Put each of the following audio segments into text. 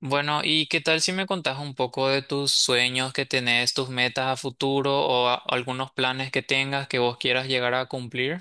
Bueno, ¿y qué tal si me contás un poco de tus sueños que tenés, tus metas a futuro o algunos planes que tengas que vos quieras llegar a cumplir?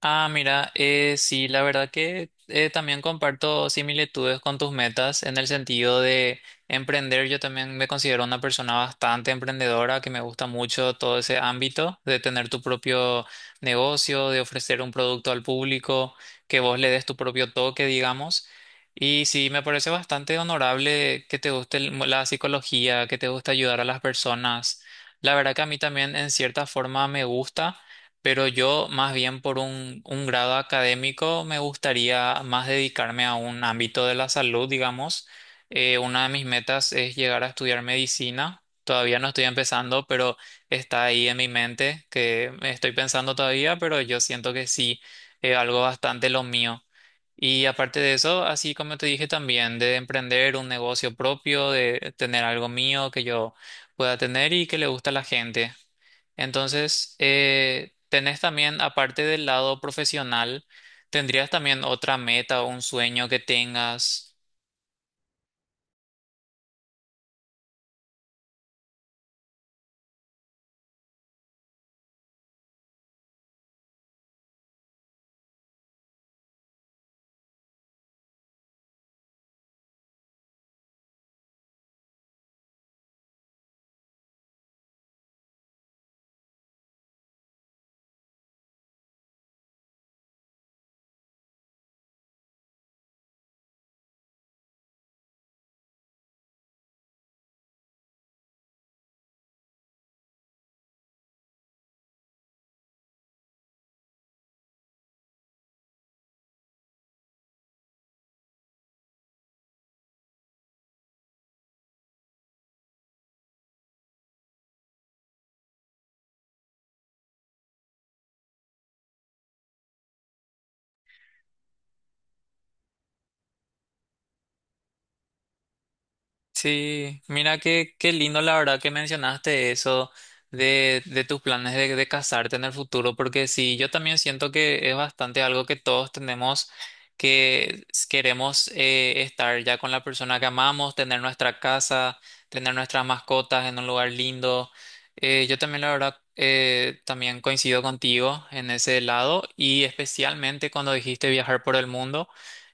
Ah, mira, sí, la verdad que también comparto similitudes con tus metas en el sentido de emprender. Yo también me considero una persona bastante emprendedora, que me gusta mucho todo ese ámbito de tener tu propio negocio, de ofrecer un producto al público, que vos le des tu propio toque, digamos. Y sí, me parece bastante honorable que te guste la psicología, que te guste ayudar a las personas. La verdad que a mí también en cierta forma me gusta. Pero yo, más bien por un grado académico, me gustaría más dedicarme a un ámbito de la salud, digamos. Una de mis metas es llegar a estudiar medicina. Todavía no estoy empezando, pero está ahí en mi mente, que estoy pensando todavía, pero yo siento que sí, algo bastante lo mío. Y aparte de eso, así como te dije también, de emprender un negocio propio, de tener algo mío que yo pueda tener y que le guste a la gente. Entonces, tenés también, aparte del lado profesional, ¿tendrías también otra meta o un sueño que tengas? Sí, mira qué lindo la verdad que mencionaste eso de tus planes de casarte en el futuro, porque sí, yo también siento que es bastante algo que todos tenemos, que queremos estar ya con la persona que amamos, tener nuestra casa, tener nuestras mascotas en un lugar lindo. Yo también la verdad también coincido contigo en ese lado y especialmente cuando dijiste viajar por el mundo.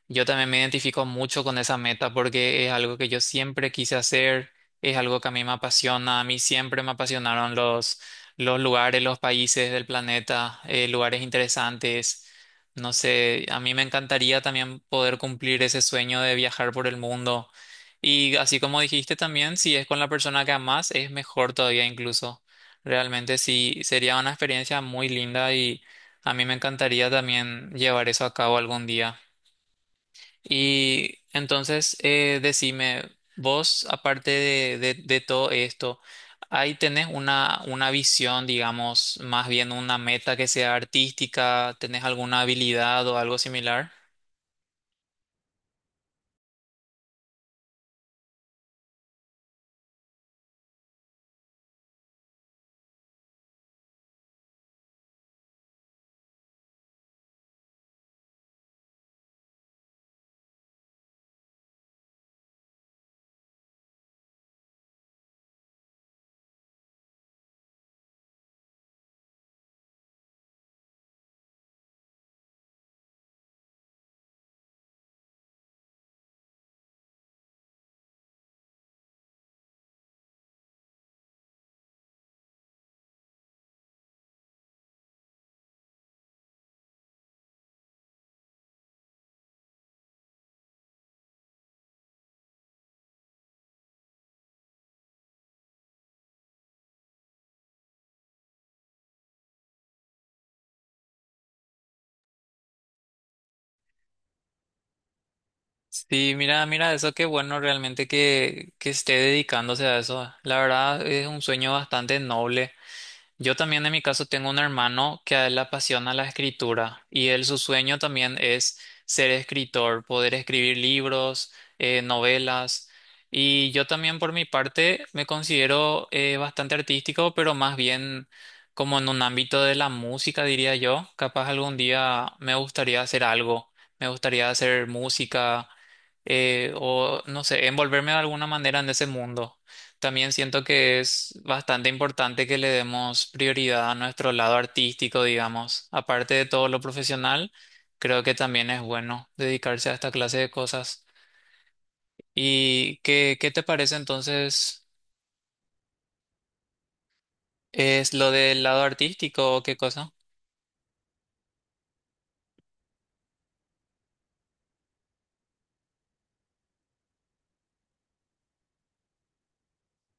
Yo también me identifico mucho con esa meta porque es algo que yo siempre quise hacer, es algo que a mí me apasiona, a mí siempre me apasionaron los lugares, los países del planeta, lugares interesantes. No sé, a mí me encantaría también poder cumplir ese sueño de viajar por el mundo. Y así como dijiste también, si es con la persona que amas, es mejor todavía incluso. Realmente sí, sería una experiencia muy linda y a mí me encantaría también llevar eso a cabo algún día. Y entonces, decime, vos, aparte de todo esto, ahí tenés una visión, digamos, más bien una meta que sea artística, tenés alguna habilidad o algo similar. Sí, mira, eso qué bueno realmente que esté dedicándose a eso. La verdad es un sueño bastante noble. Yo también en mi caso tengo un hermano que a él le apasiona la escritura y él su sueño también es ser escritor, poder escribir libros, novelas. Y yo también por mi parte me considero bastante artístico, pero más bien como en un ámbito de la música, diría yo. Capaz algún día me gustaría hacer algo, me gustaría hacer música o no sé, envolverme de alguna manera en ese mundo. También siento que es bastante importante que le demos prioridad a nuestro lado artístico, digamos. Aparte de todo lo profesional, creo que también es bueno dedicarse a esta clase de cosas. ¿Y qué te parece entonces? ¿Es lo del lado artístico o qué cosa?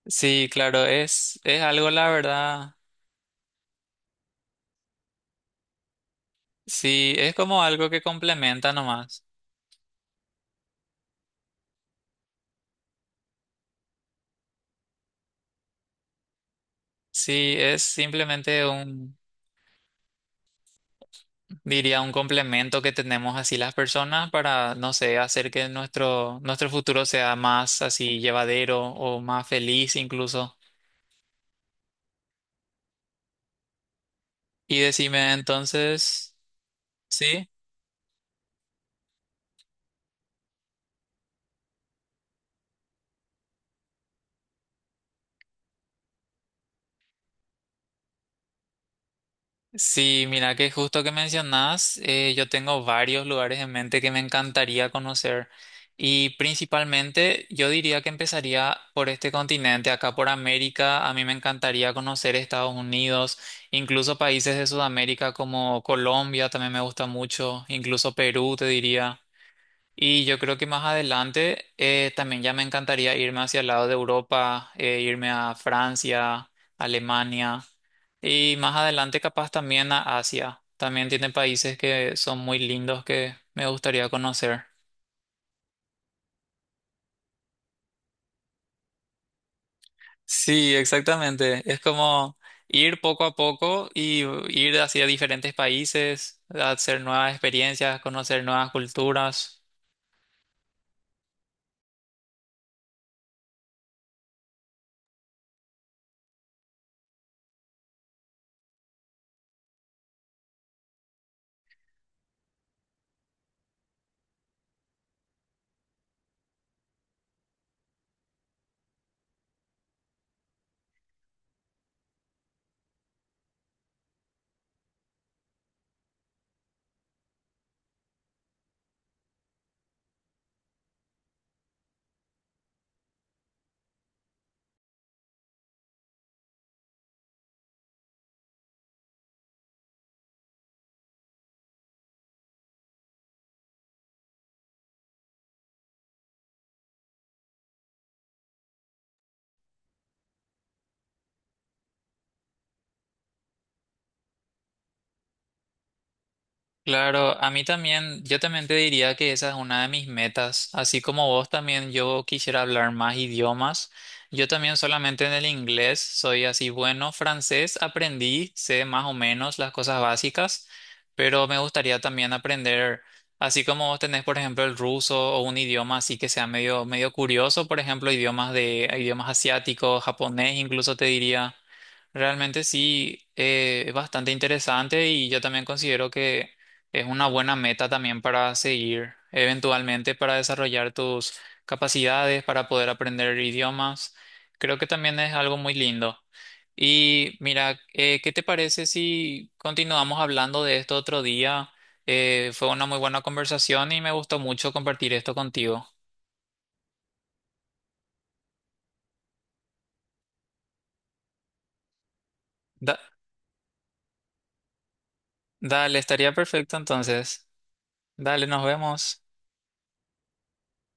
Sí, claro, es algo, la verdad. Sí, es como algo que complementa nomás. Sí, es simplemente un. Diría un complemento que tenemos así las personas para, no sé, hacer que nuestro futuro sea más así llevadero o más feliz incluso. Y decime entonces, ¿sí? Sí, mira que justo que mencionás, yo tengo varios lugares en mente que me encantaría conocer y principalmente yo diría que empezaría por este continente, acá por América, a mí me encantaría conocer Estados Unidos, incluso países de Sudamérica como Colombia también me gusta mucho, incluso Perú te diría. Y yo creo que más adelante también ya me encantaría irme hacia el lado de Europa, irme a Francia, Alemania y más adelante capaz también a Asia. También tiene países que son muy lindos que me gustaría conocer. Sí, exactamente. Es como ir poco a poco y ir hacia diferentes países, hacer nuevas experiencias, conocer nuevas culturas. Claro, a mí también, yo también te diría que esa es una de mis metas. Así como vos también, yo quisiera hablar más idiomas. Yo también solamente en el inglés soy así bueno. Francés aprendí, sé más o menos las cosas básicas, pero me gustaría también aprender, así como vos tenés, por ejemplo, el ruso o un idioma así que sea medio curioso, por ejemplo, idiomas asiáticos, japonés, incluso te diría. Realmente sí, es bastante interesante y yo también considero que es una buena meta también para seguir eventualmente para desarrollar tus capacidades, para poder aprender idiomas. Creo que también es algo muy lindo. Y mira, ¿qué te parece si continuamos hablando de esto otro día? Fue una muy buena conversación y me gustó mucho compartir esto contigo. Da- Dale, estaría perfecto entonces. Dale, nos vemos.